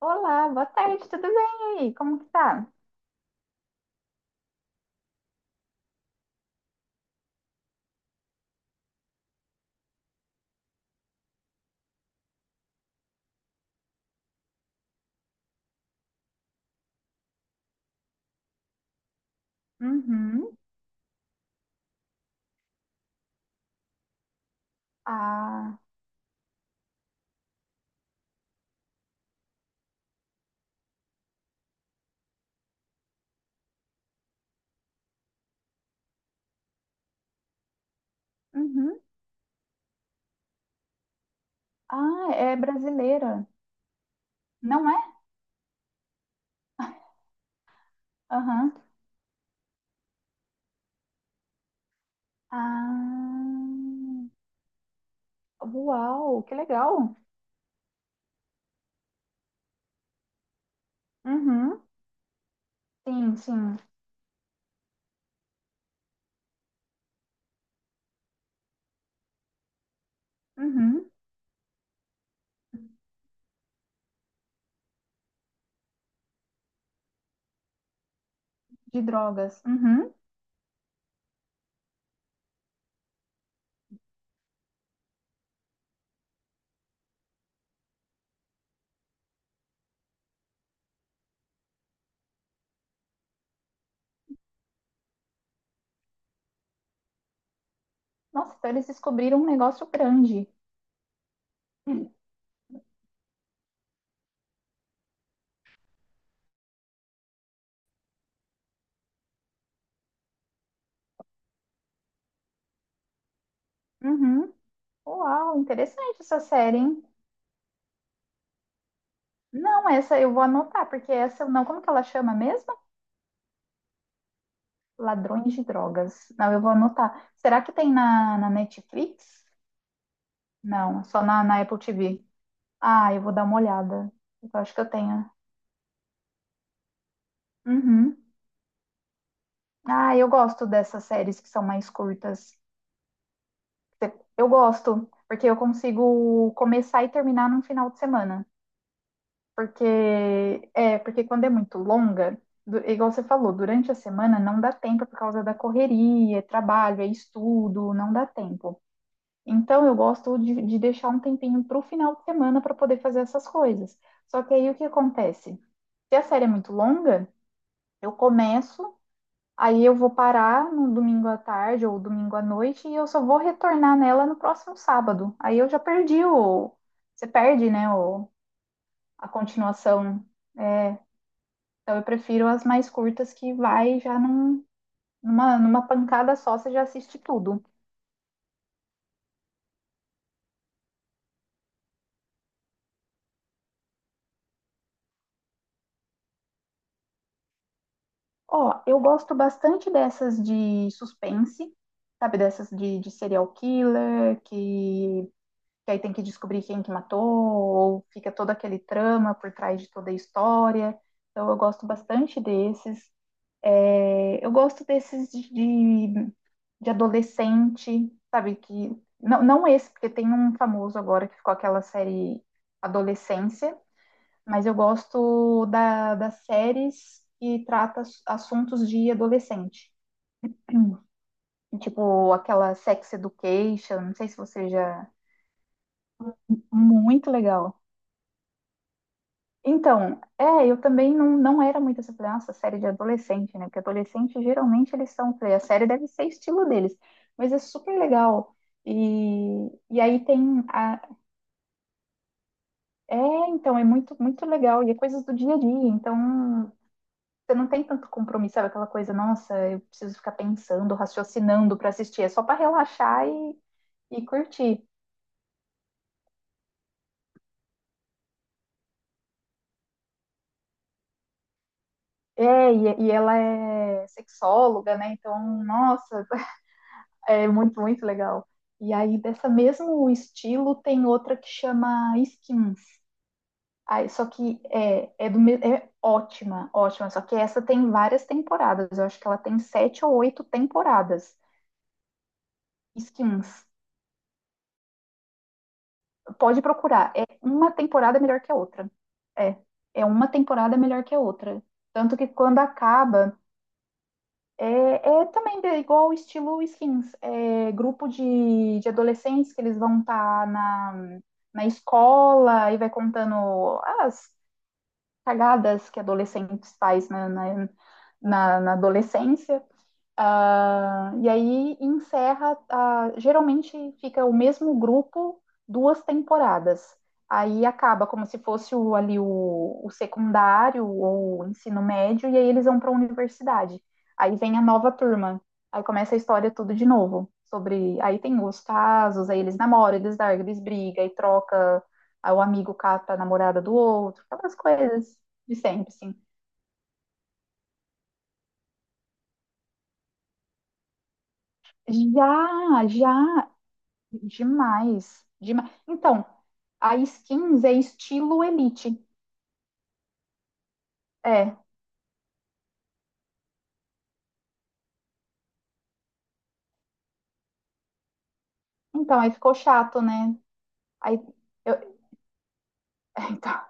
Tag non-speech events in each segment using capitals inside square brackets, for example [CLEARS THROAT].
Olá, boa tarde, tudo bem? E aí, como que tá? Uhum. Ah, uhum. Ah, é brasileira, não é? Aham. Ah, uau, que legal. Uhum. Sim, sim. Uhum. De drogas. Uhum. Nossa, então eles descobriram um negócio grande. Uhum. Uau, interessante essa série, hein? Não, essa eu vou anotar, porque essa eu não. Como que ela chama mesmo? Ladrões de drogas. Não, eu vou anotar. Será que tem na Netflix? Não, é só na Apple TV. Ah, eu vou dar uma olhada. Eu acho que eu tenho. Uhum. Ah, eu gosto dessas séries que são mais curtas. Eu gosto, porque eu consigo começar e terminar num final de semana. Porque porque quando é muito longa, igual você falou, durante a semana não dá tempo por causa da correria, é trabalho, é estudo, não dá tempo. Então, eu gosto de deixar um tempinho para o final de semana para poder fazer essas coisas. Só que aí o que acontece? Se a série é muito longa, eu começo, aí eu vou parar no domingo à tarde ou domingo à noite e eu só vou retornar nela no próximo sábado. Aí eu já perdi o. Você perde, né? O, a continuação. É, então, eu prefiro as mais curtas que vai já numa pancada só, você já assiste tudo. Ó, eu gosto bastante dessas de suspense, sabe? Dessas de serial killer, que aí tem que descobrir quem que matou, ou fica todo aquele trama por trás de toda a história. Então, eu gosto bastante desses. É, eu gosto desses de adolescente, sabe? Que, não, não esse, porque tem um famoso agora que ficou aquela série Adolescência, mas eu gosto das séries que trata assuntos de adolescente. [CLEARS THROAT] Tipo aquela Sex Education, não sei se você já. Muito legal. Então, é, eu também não, não era muito essa, falei, nossa, série de adolescente, né? Porque adolescente geralmente eles são, falei, a série deve ser estilo deles, mas é super legal. E aí tem a, é, então, é muito, muito legal. E é coisas do dia a dia. Então, você não tem tanto compromisso, sabe? Aquela coisa, nossa, eu preciso ficar pensando, raciocinando para assistir. É só para relaxar e curtir. É, e ela é sexóloga, né? Então, nossa, [LAUGHS] é muito, muito legal. E aí, dessa mesmo estilo, tem outra que chama Skins. Aí, só que é ótima, ótima. Só que essa tem várias temporadas. Eu acho que ela tem sete ou oito temporadas. Skins. Pode procurar. É uma temporada melhor que a outra. É. É uma temporada melhor que a outra. Tanto que quando acaba, é, é também igual o estilo Skins. É grupo de adolescentes que eles vão estar na escola e vai contando as cagadas que adolescentes faz na adolescência. Ah, e aí encerra, ah, geralmente fica o mesmo grupo duas temporadas. Aí acaba como se fosse o secundário ou o ensino médio, e aí eles vão para a universidade. Aí vem a nova turma, aí começa a história tudo de novo. Sobre, aí tem os casos, aí eles namoram, eles largam, eles brigam, aí troca, aí o amigo cata a namorada do outro, aquelas coisas de sempre, assim. Já, já. Demais, demais. Então, a Skins é estilo Elite. É. Então, aí ficou chato, né? Aí eu, [LAUGHS] então,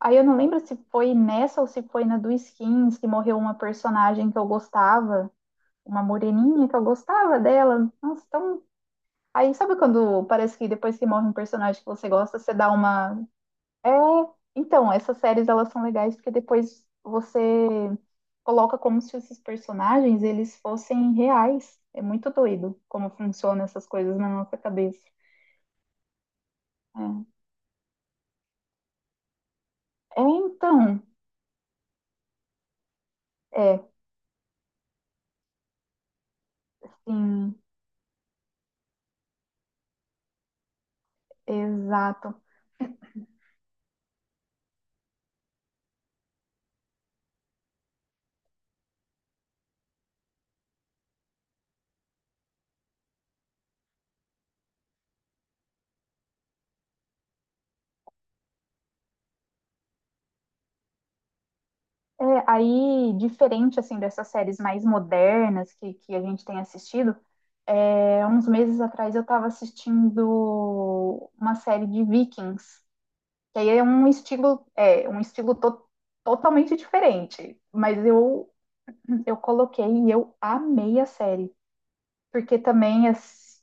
aí eu não lembro se foi nessa ou se foi na do Skins que morreu uma personagem que eu gostava, uma moreninha que eu gostava dela. Nossa, tão. Aí sabe quando parece que depois que morre um personagem que você gosta, você dá uma. É, então, essas séries elas são legais porque depois você coloca como se esses personagens eles fossem reais. É muito doido como funcionam essas coisas na nossa cabeça. É, É, então, é, sim, exato. É, aí, diferente assim dessas séries mais modernas que a gente tem assistido, é, uns meses atrás eu estava assistindo uma série de Vikings. Que aí é, um estilo totalmente diferente. Mas eu coloquei e eu amei a série. Porque também as.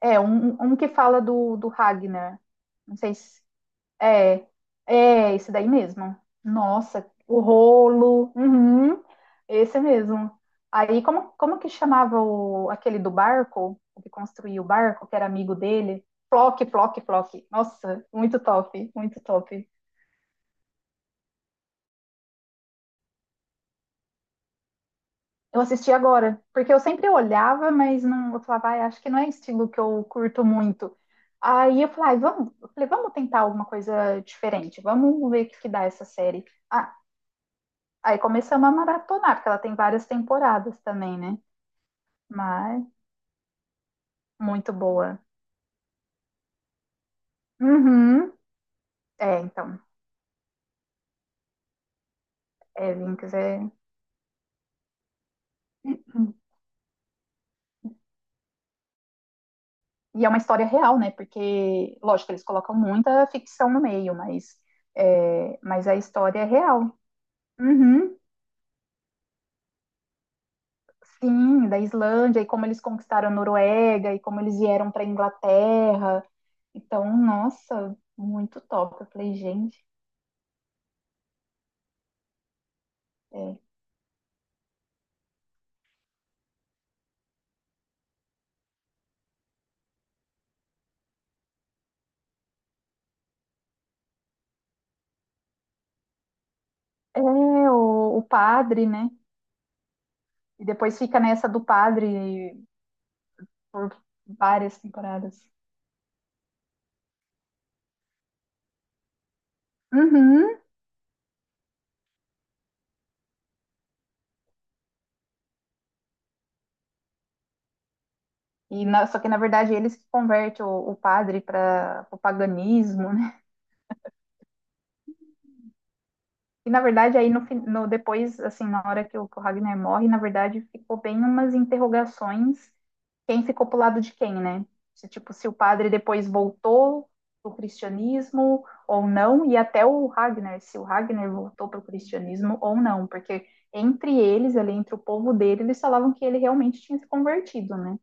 É um que fala do Ragnar. Não sei se. É, é esse daí mesmo. Nossa, o rolo. Uhum, esse mesmo. Aí, como que chamava o, aquele do barco, o que construiu o barco, que era amigo dele? Flock, Flock, Flock. Nossa, muito top, muito top. Eu assisti agora, porque eu sempre olhava, mas não, eu falava, ai, acho que não é estilo que eu curto muito. Aí eu falei, ai, vamos, eu falei, vamos tentar alguma coisa diferente, vamos ver o que, que dá essa série. Ah, aí começamos a maratonar, porque ela tem várias temporadas também, né? Mas muito boa. Uhum. É, então, é, Vinx é. E é uma história real, né? Porque, lógico, eles colocam muita ficção no meio, mas a história é real. Uhum. Sim, da Islândia, e como eles conquistaram a Noruega, e como eles vieram para a Inglaterra. Então, nossa, muito top. Eu falei, gente, é, é o padre, né? E depois fica nessa do padre por várias temporadas. Uhum. Só que na verdade eles que convertem o padre para o paganismo, né? E na verdade aí no depois assim na hora que o Ragnar morre, na verdade ficou bem umas interrogações quem ficou pro lado de quem, né? Se, tipo, se o padre depois voltou pro cristianismo ou não, e até o Ragnar, se o Ragnar voltou pro cristianismo ou não, porque entre eles, ali entre o povo dele, eles falavam que ele realmente tinha se convertido, né?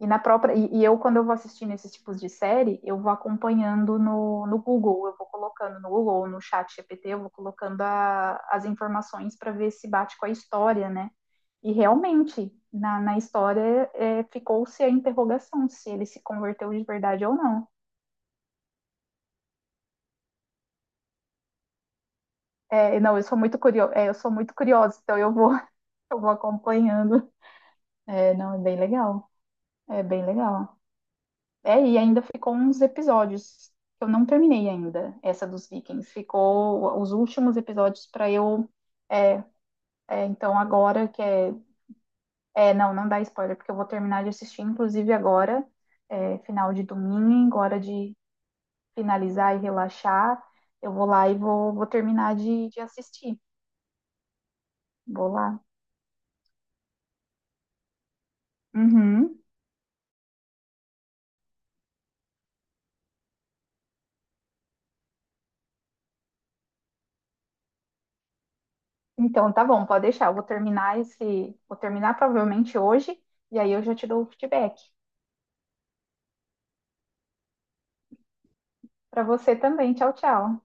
E eu, quando eu vou assistindo esses tipos de série, eu vou acompanhando no Google, eu vou colocando no Google ou no chat GPT, eu vou colocando as informações para ver se bate com a história, né? E realmente, na história, é, ficou-se a interrogação se ele se converteu de verdade ou não. É, não, eu sou muito curiosa, é, eu sou muito curiosa, então [LAUGHS] eu vou acompanhando. É, não, é bem legal. É bem legal. É, e ainda ficou uns episódios. Que eu não terminei ainda essa dos Vikings. Ficou os últimos episódios para eu. É, é, então agora que é. Não, não dá spoiler, porque eu vou terminar de assistir, inclusive agora, é, final de domingo, hora de finalizar e relaxar. Eu vou lá e vou terminar de assistir. Vou lá. Uhum. Então tá bom, pode deixar. Eu vou terminar esse. Vou terminar provavelmente hoje, e aí eu já te dou o feedback. Para você também. Tchau, tchau.